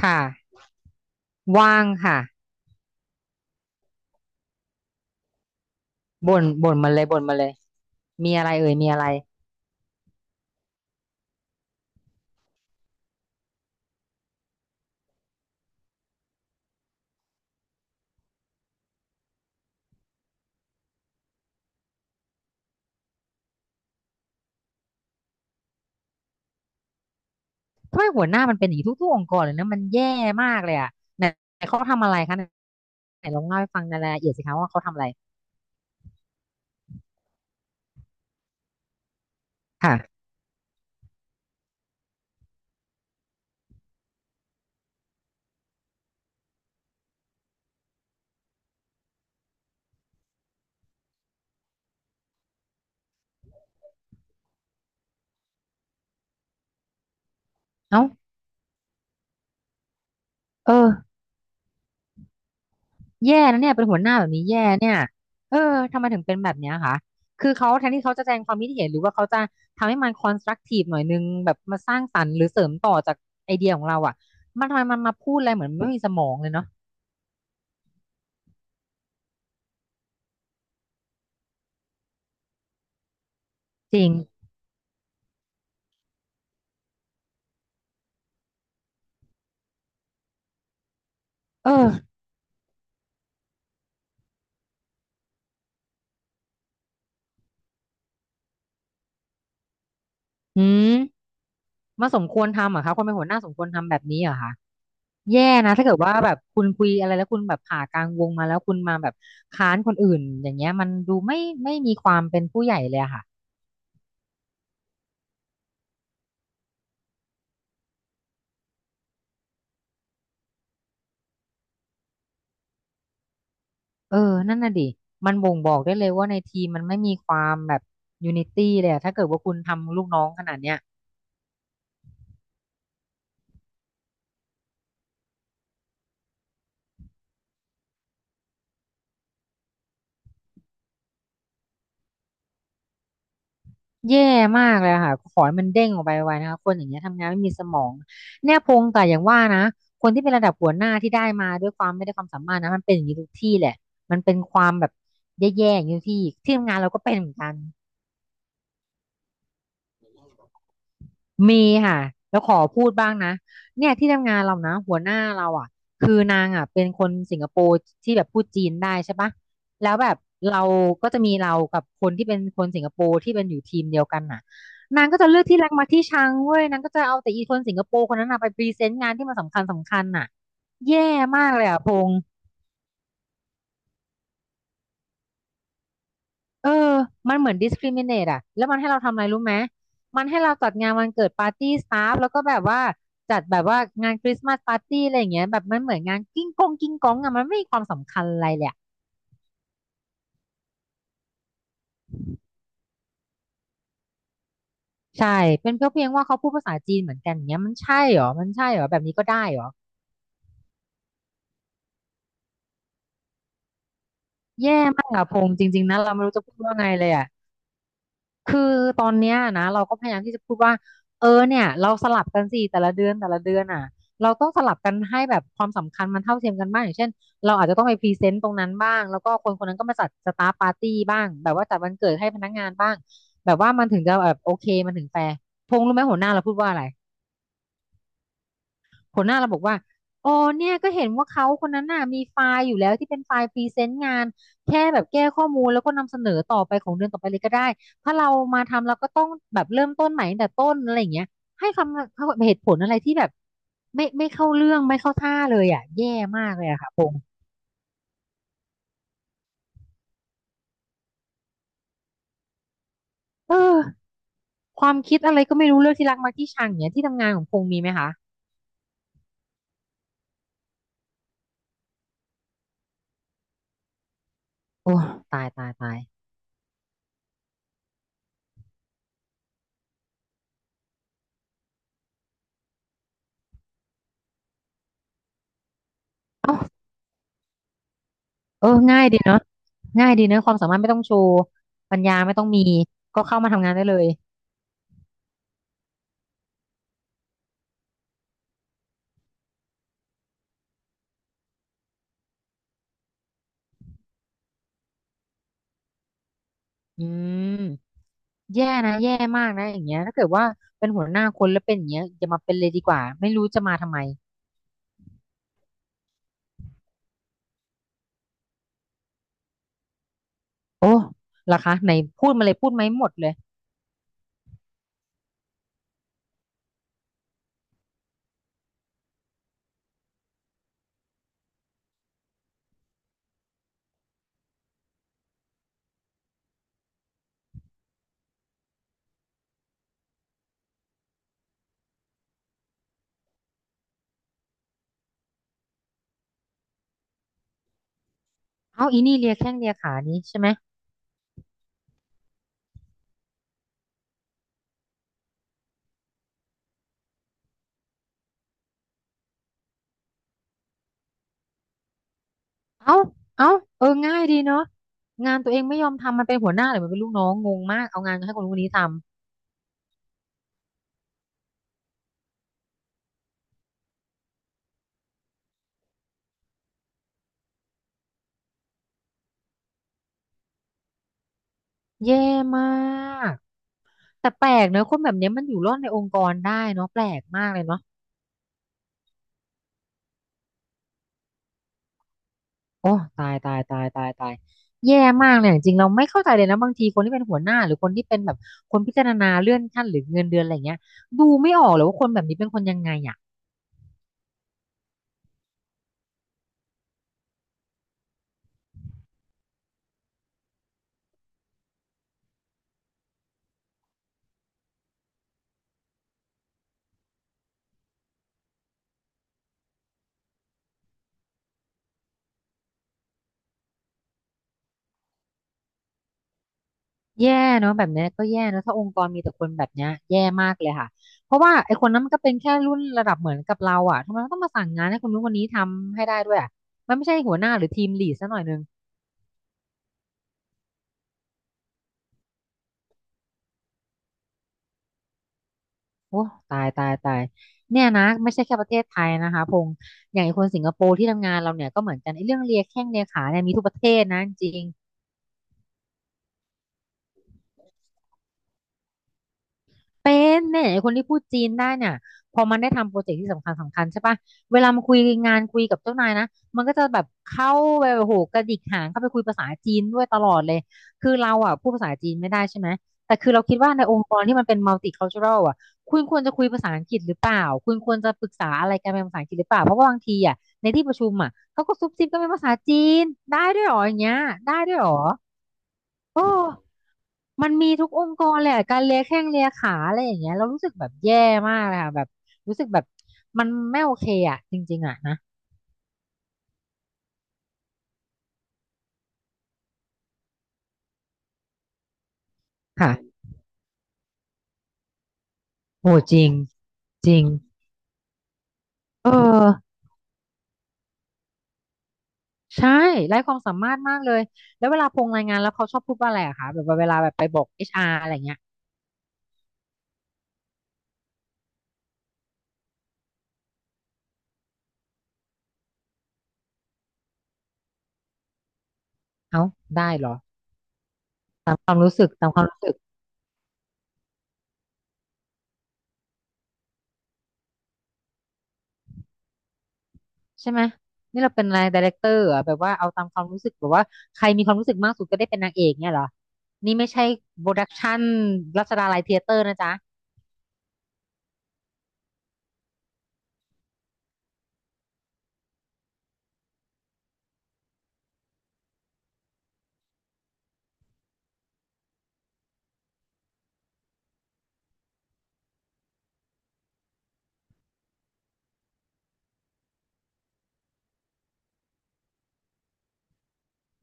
ค่ะว่างค่ะบ่นบ่นมาเลยบ่นมาเลยมีอะไรเอ่ยมีอะไรทำไมหัวหน้ามันเป็นอย่างนี้ทุกๆองค์กรเลยนะมันแย่มากเลยอ่ะไหนไหนเขาทำอะไรคะไหนไหนลองเล่าให้ฟังในรายละเอียดสิคะว่าเขาทำอะไรค่ะเอ้าเออแย่นะเนี่ยเป็นหัวหน้าแบบนี้แย่เนี่ยเออทำไมถึงเป็นแบบเนี้ยคะคือเขาแทนที่เขาจะแสดงความคิดเห็นหรือว่าเขาจะทำให้มันคอนสตรักทีฟหน่อยนึงแบบมาสร้างสรรค์หรือเสริมต่อจากไอเดียของเราอ่ะมันทำไมมันมาพูดอะไรเหมือนไม่มีสมองเลยเนาะจริงเอออืม มาสมควรทำเหรอคะคนเป็นหัวหน้าสมควรทำแบบนี้เหรอคะแย่นะถ้าเกิดว่าแบบคุณคุยอะไรแล้วคุณแบบผ่ากลางวงมาแล้วคุณมาแบบค้านคนอื่นอย่างเงี้ยมันดูไม่มีความเป็นผู้ใหญ่เลยอะค่ะเออนั่นน่ะดิมันบ่งบอกได้เลยว่าในทีมมันไม่มีความแบบยูนิตี้เลยอะถ้าเกิดว่าคุณทำลูกน้องขนาดเนี้ย แย่มากเลยค่ะขอให้มันเด้งออกไปไวนะคะคนอย่างเงี้ยทำงานไม่มีสมองแน่พงแต่อย่างว่านะคนที่เป็นระดับหัวหน้าที่ได้มาด้วยความไม่ได้ความสามารถนะมันเป็นอย่างนี้ทุกที่แหละมันเป็นความแบบแย่ๆอย่างนี้ทุกที่ที่ทำงานเราก็เป็นเหมือนกัน มีค่ะแล้วขอพูดบ้างนะเนี่ยที่ทำงานเรานะหัวหน้าเราอ่ะคือนางอ่ะเป็นคนสิงคโปร์ที่แบบพูดจีนได้ใช่ปะแล้วแบบเราก็จะมีเรากับคนที่เป็นคนสิงคโปร์ที่เป็นอยู่ทีมเดียวกันน่ะนางก็จะเลือกที่รักมาที่ชังเว้ยนางก็จะเอาแต่อีคนสิงคโปร์คนนั้นน่ะไปพรีเซนต์งานที่มันสำคัญสำคัญน่ะแย่มากเลยอ่ะพง เออมันเหมือน discriminate อะแล้วมันให้เราทำอะไรรู้ไหม มันให้เราจัดงานวันเกิดปาร์ตี้สตาฟแล้วก็แบบว่าจัดแบบว่างานคริสต์มาสปาร์ตี้อะไรอย่างเงี้ยแบบมันเหมือนงานกิ้งกงกิ้งกงอะมันไม่มีความสำคัญอะไรเลยอะใช่ เป็นเพียงว่าเขาพูดภาษาจีนเหมือนกันอย่างเงี้ยมันใช่เหรอมันใช่เหรอแบบนี้ก็ได้เหรอ แย่มากอะพงษ์จริงๆนะเราไม่รู้จะพูดว่าไงเลยอะ คือตอนเนี้ยนะเราก็พยายามที่จะพูดว่าเออเนี่ยเราสลับกันสิแต่ละเดือนแต่ละเดือนอ่ะเราต้องสลับกันให้แบบความสำคัญมันเท่าเทียมกันบ้างอย่างเช่นเราอาจจะต้องไปพรีเซนต์ตรงนั้นบ้างแล้วก็คนคนนั้นก็มาจัดสตาฟปาร์ตี้บ้างแบบว่าจัดวันเกิดให้พนักงานบ้างแบบว่ามันถึงจะแบบโอเคมันถึงแฟร์พงษ์รู้ไหมหัวหน้าเราพูดว่าอะไร หัวหน้าเราบอกว่าอ๋อเนี่ยก็เห็นว่าเขาคนนั้นน่ะมีไฟล์อยู่แล้วที่เป็นไฟล์พรีเซนต์งานแค่แบบแก้ข้อมูลแล้วก็นำเสนอต่อไปของเดือนต่อไปเลยก็ได้ถ้าเรามาทำเราก็ต้องแบบเริ่มต้นใหม่ตั้งแต่ต้นอะไรอย่างเงี้ยให้คำเหตุผลอะไรที่แบบไม่เข้าเรื่องไม่เข้าท่าเลยอ่ะแย่มากเลยอะค่ะพงษ์เออความคิดอะไรก็ไม่รู้เรื่องที่รักมักที่ชังอย่างเงี้ยที่ทำงานของพงษ์มีไหมคะโอ้ตายตายตายเออง่ายดีเนาะง่ายดีเนอะความสามารถไม่ต้องโชว์ปัญญาไม่ต้องมี ก็เข้ามาทำงานได้เลย อืมแย่นะแย่มากนะอย่างเงี้ยถ้าเกิดว่าเป็นหัวหน้าคนแล้วเป็นอย่างเงี้ยอย่ามาเป็นเลยดีกว่าไม่รู้จะมาทำไมโอ้ล่ะคะไหนพูดมาเลยพูดไหมหมดเลยเอ้าอีนี่เลียแข้งเลียขานี้ใช่ไหมเอ้าเอ้าเออง่ายดีเนาะงานตัวเองไม่ยอมทำมันเป็นหัวหน้าหรือมันเป็นลูกน้องงงมากเอางานให้คนคนนี้ทำแย่มากแต่แปลกเนอะคนแบบเนี้ยมันอยู่รอดในองค์กรได้เนาะแปลกมากเลยเนาะ โอ้ตายตายตายตายตายแย่มากเลยจริงๆเราไม่เข้าใจเลยนะบางทีคนที่เป็นหัวหน้าหรือคนที่เป็นแบบคนพิจารณาเลื่อนขั้นหรือเงินเดือนอะไรเงี้ยดูไม่ออกเลยว่าคนแบบนี้เป็นคนยังไงอ่ะแย่เนาะแบบเนี้ยก็แย่เนอะถ้าองค์กรมีแต่คนแบบเนี้ยแย่มากเลยค่ะเพราะว่าไอ้คนนั้นมันก็เป็นแค่รุ่นระดับเหมือนกับเราอ่ะทำไมมันต้องมาสั่งงานให้คนนู้นคนนี้ทำให้ได้ด้วยอ่ะมันไม่ใช่หัวหน้าหรือทีมลีดซะหน่อยนึง โอ้ตายตายตายเนี่ยนะไม่ใช่แค่ประเทศไทยนะคะพงษ์อย่างไอ้คนสิงคโปร์ที่ทำงานเราเนี่ยก็เหมือนกันไอ้เรื่องเลียแข้งเลียขาเนี่ยมีทุกประเทศนะจริง เป็นเนี่ยไอ้คนที่พูดจีนได้เนี่ยพอมันได้ทำโปรเจกต์ที่สำคัญใช่ปะเวลามาคุยงานคุยกับเจ้านายนะมันก็จะแบบเข้าไปโอ้โหกระดิกหางเข้าไปคุยภาษาจีนด้วยตลอดเลยคือเราอ่ะพูดภาษาจีนไม่ได้ใช่ไหมแต่คือเราคิดว่าในองค์กรที่มันเป็น multicultural อ่ะคุณควรจะคุยภาษาอังกฤษหรือเปล่าคุณควรจะปรึกษาอะไรกันเป็นภาษาอังกฤษหรือเปล่าเพราะว่าบางทีอ่ะในที่ประชุมอ่ะเขาก็ซุบซิบกันเป็นภาษาจีนได้ด้วยเหรออย่างเงี้ยได้ด้วยเหรอโอ้ มันมีทุกองค์กรเลยอะการเลียแข้งเลียขาอะไรอย่างเงี้ยเรารู้สึกแบบแย่มากเลยค่ะแบบรู้สึกแบบมันไม่โอเคอ่ะจริงๆอ่ะนะค่ะโหจริงจริงเออใช่ไร้ความสามารถมากเลยแล้วเวลาพงรายงานแล้วเขาชอบพูดว่าอะไรอะคะแบบว่าเวลาแบบไปบอกเอชอาร์อะไรเงี้ยเอ้าได้เหรอตามความรู้สึกตามความรู้สึกใช่ไหมนี่เราเป็นอะไรดีเรคเตอร์อะแบบว่าเอาตามความรู้สึกแบบว่าใครมีความรู้สึกมากสุดก็ได้เป็นนางเอกเนี่ยเหรอนี่ไม่ใช่โปรดักชันรัชดาลัยเธียเตอร์นะจ๊ะ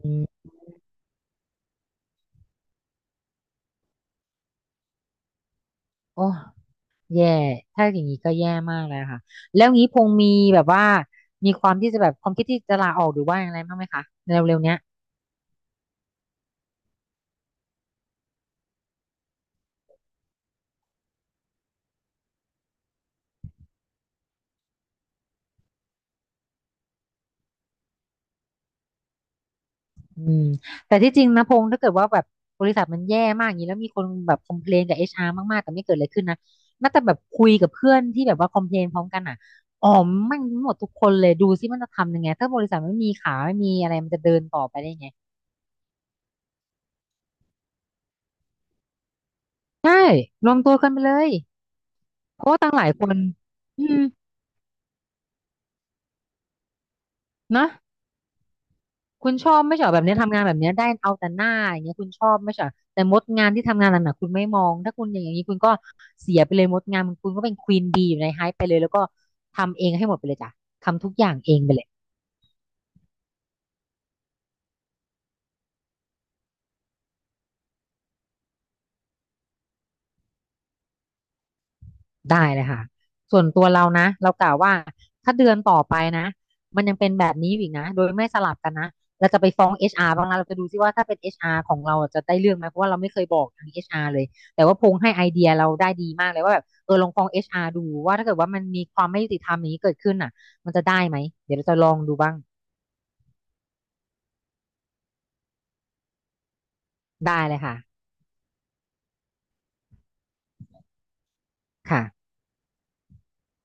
อืมโอ้แย่ถ้าอย่างนี้ก็แย่มากเลยค่ะแล้วงี้พงมีแบบว่ามีความที่จะแบบความคิดที่จะลาออกหรือว่าอะไรบ้างไหมคะในเร็วๆเนี้ยอืมแต่ที่จริงนะพงถ้าเกิดว่าแบบบริษัทมันแย่มากอย่างนี้แล้วมีคนแบบคอมเพลนกับเอชอาร์มากๆแต่ไม่เกิดอะไรขึ้นนะน่าจะแบบคุยกับเพื่อนที่แบบว่าคอมเพลนพร้อมกันอ่ะอ๋อแมันหมดทุกคนเลยดูซิมันจะทำยังไงถ้าบริษัทไม่มีขาไม่มีอะไรมันจะเดินต่อไปได้ยังไงใช่รวมตัวกันไปเลยเพราะว่าตั้งหลายคนอืมนะ คุณชอบไม่ใช่เหรอแบบเนี้ยทำงานแบบเนี้ยได้เอาแต่หน้าอย่างเงี้ยคุณชอบไม่ใช่เหรอแต่มดงานที่ทำงานหนักๆคุณไม่มองถ้าคุณอย่างนี้คุณก็เสียไปเลยมดงานคุณก็เป็นควีนก็ทำเองให้หมดไปเลยจ้ะทำทุกอย่างเองไปเลย ได้เลยค่ะส่วนตัวเรานะเรากล่าวว่าถ้าเดือนต่อไปนะมันยังเป็นแบบนี้อยู่อีกนะโดยไม่สลับกันนะเราจะไปฟ้อง HR บ้างนะเราจะดูซิว่าถ้าเป็น HR ของเราจะได้เรื่องไหมเพราะว่าเราไม่เคยบอกทาง HR เลยแต่ว่าพงให้ไอเดียเราได้ดีมากเลยว่าแบบเออลองฟ้อง HR ดูว่าถ้าเกิดว่ามันมีความไม่ยุติธรรมอย่างนี้เกิดขึ้นน่ะมันจะได้ไหมเดี๋ยวเราจะลองดูบ้างได้เลยค่ะค่ะ